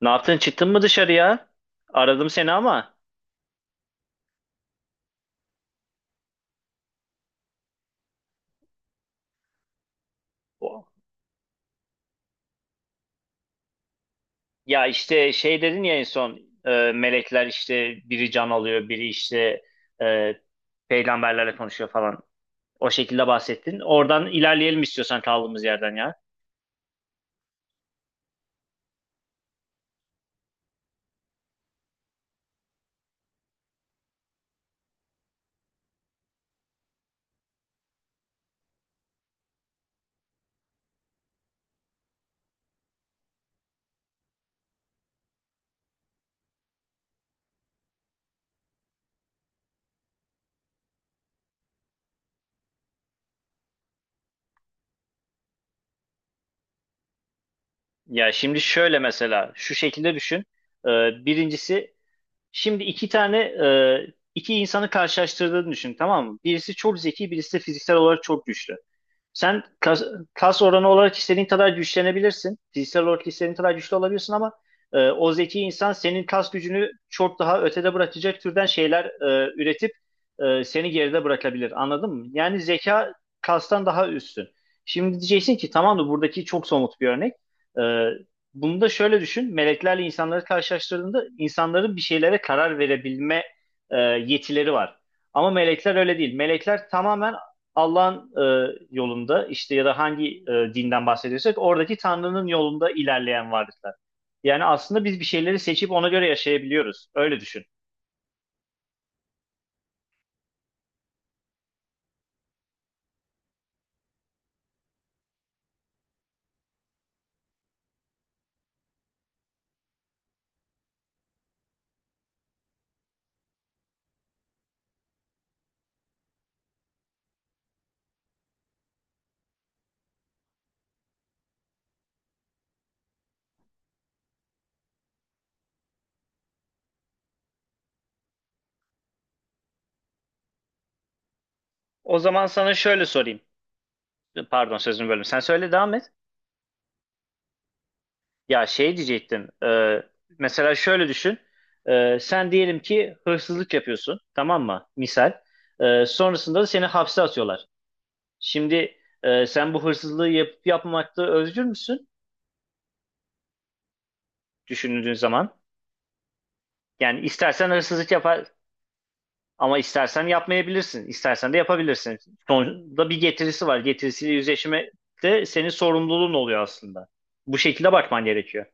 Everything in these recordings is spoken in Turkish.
Ne yaptın? Çıktın mı dışarıya? Aradım seni ama. O- Ya işte şey dedin ya en son melekler işte biri can alıyor, biri işte e, peygamberlerle konuşuyor falan. O şekilde bahsettin. Oradan ilerleyelim istiyorsan kaldığımız yerden ya. Ya şimdi şöyle mesela şu şekilde düşün. E, birincisi şimdi iki tane iki insanı karşılaştırdığını düşün, tamam mı? Birisi çok zeki, birisi de fiziksel olarak çok güçlü. Sen kas oranı olarak istediğin kadar güçlenebilirsin. Fiziksel olarak istediğin kadar güçlü olabilirsin ama o zeki insan senin kas gücünü çok daha ötede bırakacak türden şeyler üretip seni geride bırakabilir. Anladın mı? Yani zeka kastan daha üstün. Şimdi diyeceksin ki tamam da buradaki çok somut bir örnek. E, bunu da şöyle düşün. Meleklerle insanları karşılaştırdığında insanların bir şeylere karar verebilme yetileri var. Ama melekler öyle değil. Melekler tamamen Allah'ın yolunda işte ya da hangi dinden bahsediyorsak oradaki Tanrı'nın yolunda ilerleyen varlıklar. Yani aslında biz bir şeyleri seçip ona göre yaşayabiliyoruz. Öyle düşün. O zaman sana şöyle sorayım. Pardon sözünü böldüm. Sen söyle, devam et. Ya şey diyecektim. Mesela şöyle düşün. Sen diyelim ki hırsızlık yapıyorsun. Tamam mı? Misal. Sonrasında da seni hapse atıyorlar. Şimdi sen bu hırsızlığı yapıp yapmamakta özgür müsün? Düşündüğün zaman. Yani istersen hırsızlık yapar, ama istersen yapmayabilirsin, istersen de yapabilirsin. Sonuçta bir getirisi var. Getirisiyle yüzleşme de senin sorumluluğun oluyor aslında. Bu şekilde bakman gerekiyor.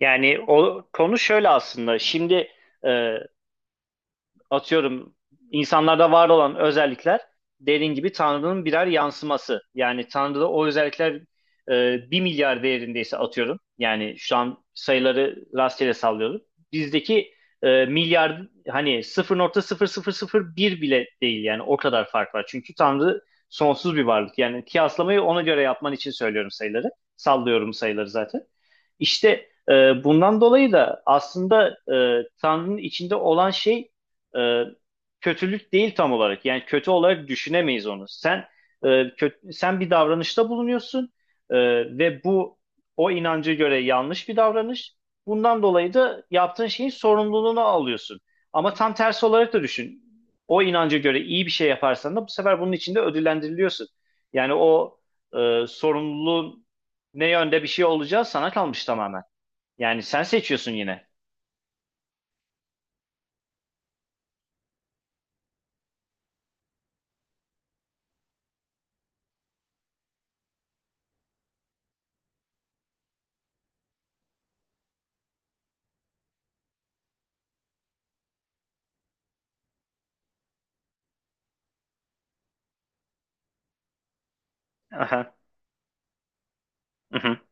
Yani o konu şöyle aslında. Şimdi e, atıyorum insanlarda var olan özellikler dediğin gibi Tanrı'nın birer yansıması. Yani Tanrı'da o özellikler 1 milyar değerindeyse atıyorum. Yani şu an sayıları rastgele sallıyorum. Bizdeki milyar hani sıfır nokta sıfır sıfır sıfır bir bile değil yani o kadar fark var. Çünkü Tanrı sonsuz bir varlık. Yani kıyaslamayı ona göre yapman için söylüyorum sayıları. Sallıyorum sayıları zaten. İşte bundan dolayı da aslında Tanrı'nın içinde olan şey e, kötülük değil tam olarak. Yani kötü olarak düşünemeyiz onu. Sen sen bir davranışta bulunuyorsun e, ve bu o inanca göre yanlış bir davranış. Bundan dolayı da yaptığın şeyin sorumluluğunu alıyorsun. Ama tam tersi olarak da düşün. O inanca göre iyi bir şey yaparsan da bu sefer bunun için de ödüllendiriliyorsun. Yani o sorumluluğun ne yönde bir şey olacağı sana kalmış tamamen. Yani sen seçiyorsun yine. Aha, mhm.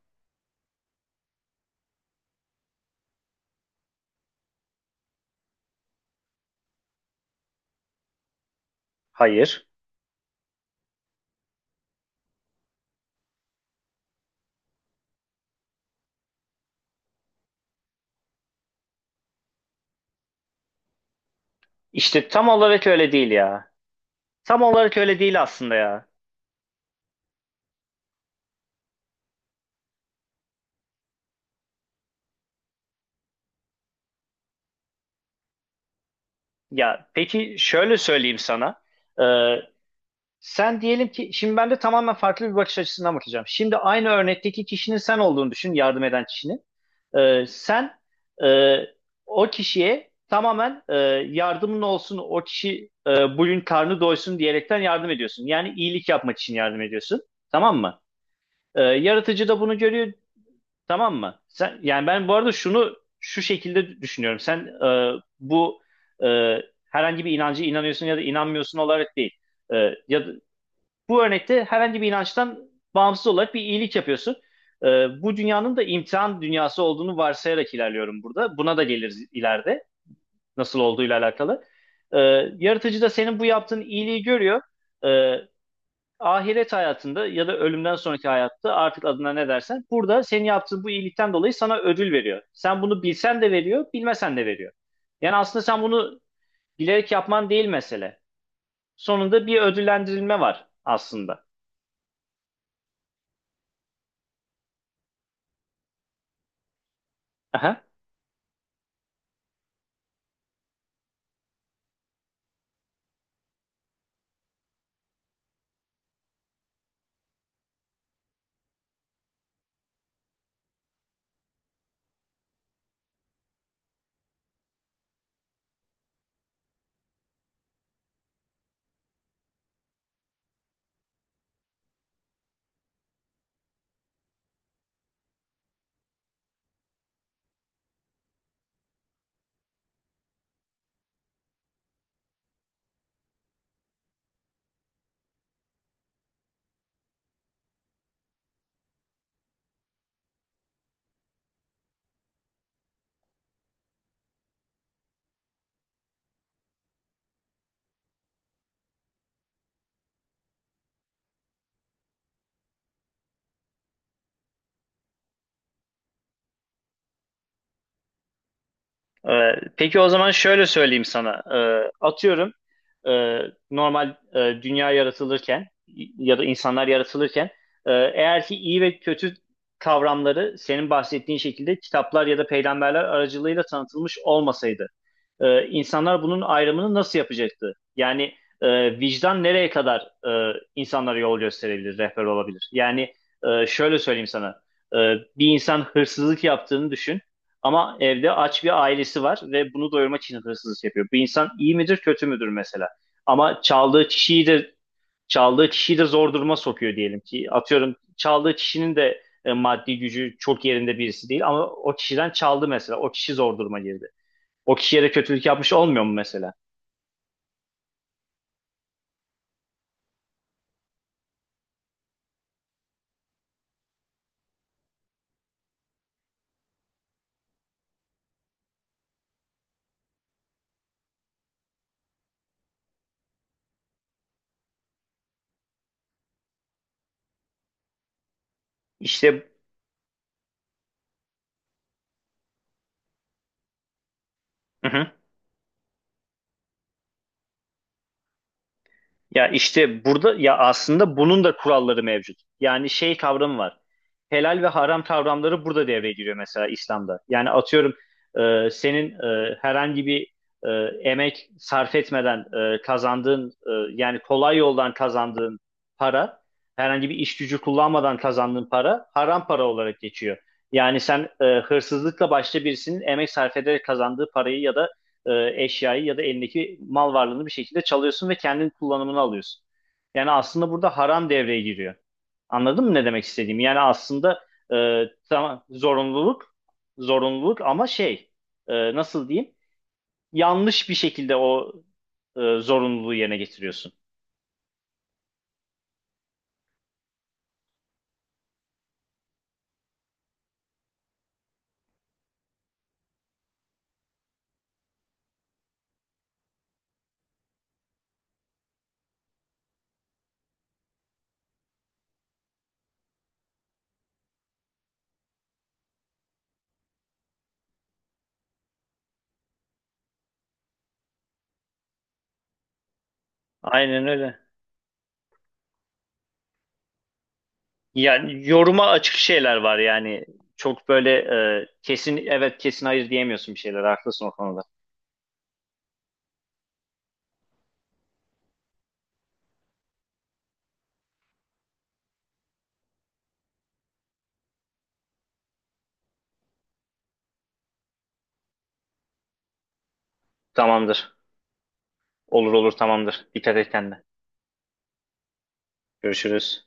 Hayır. İşte tam olarak öyle değil ya. Tam olarak öyle değil aslında ya. Ya peki şöyle söyleyeyim sana. Ee, sen diyelim ki şimdi ben de tamamen farklı bir bakış açısından bakacağım. Şimdi aynı örnekteki kişinin sen olduğunu düşün, yardım eden kişinin. Sen e, o kişiye tamamen yardımın olsun, o kişi bugün karnı doysun diyerekten yardım ediyorsun. Yani iyilik yapmak için yardım ediyorsun. Tamam mı? Yaratıcı da bunu görüyor, tamam mı? Sen, yani ben bu arada şunu şu şekilde düşünüyorum. Sen bu e, herhangi bir inancı inanıyorsun ya da inanmıyorsun olarak değil. E, ya da, bu örnekte herhangi bir inançtan bağımsız olarak bir iyilik yapıyorsun. E, bu dünyanın da imtihan dünyası olduğunu varsayarak ilerliyorum burada. Buna da geliriz ileride nasıl olduğuyla alakalı. E, yaratıcı da senin bu yaptığın iyiliği görüyor. E, ahiret hayatında ya da ölümden sonraki hayatta artık adına ne dersen burada senin yaptığın bu iyilikten dolayı sana ödül veriyor. Sen bunu bilsen de veriyor, bilmesen de veriyor. Yani aslında sen bunu bilerek yapman değil mesele. Sonunda bir ödüllendirilme var aslında. Aha. Ee, peki o zaman şöyle söyleyeyim sana. Atıyorum e, normal dünya yaratılırken ya da insanlar yaratılırken eğer ki iyi ve kötü kavramları senin bahsettiğin şekilde kitaplar ya da peygamberler aracılığıyla tanıtılmış olmasaydı insanlar bunun ayrımını nasıl yapacaktı? Yani vicdan nereye kadar insanlara yol gösterebilir, rehber olabilir? Yani şöyle söyleyeyim sana. Bir insan hırsızlık yaptığını düşün ama evde aç bir ailesi var ve bunu doyurmak için hırsızlık yapıyor. Bu insan iyi midir, kötü müdür mesela? Ama çaldığı kişiyi de zor duruma sokuyor diyelim ki. Atıyorum çaldığı kişinin de maddi gücü çok yerinde birisi değil ama o kişiden çaldı mesela. O kişi zor duruma girdi, o kişiye de kötülük yapmış olmuyor mu mesela? İşte, hı hı. Ya işte burada ya aslında bunun da kuralları mevcut. Yani şey kavramı var. Helal ve haram kavramları burada devreye giriyor mesela İslam'da. Yani atıyorum senin herhangi bir e, emek sarf etmeden kazandığın yani kolay yoldan kazandığın para, herhangi bir iş gücü kullanmadan kazandığın para haram para olarak geçiyor. Yani sen hırsızlıkla başta birisinin emek sarf ederek kazandığı parayı ya da eşyayı ya da elindeki mal varlığını bir şekilde çalıyorsun ve kendin kullanımını alıyorsun. Yani aslında burada haram devreye giriyor. Anladın mı ne demek istediğimi? Yani aslında tamam zorunluluk ama nasıl diyeyim? Yanlış bir şekilde o zorunluluğu yerine getiriyorsun. Aynen öyle. Yani yoruma açık şeyler var yani. Çok böyle kesin evet, kesin hayır diyemiyorsun bir şeyler. Haklısın o konuda. Tamamdır. Olur olur, tamamdır. Dikkat et kendine. Görüşürüz.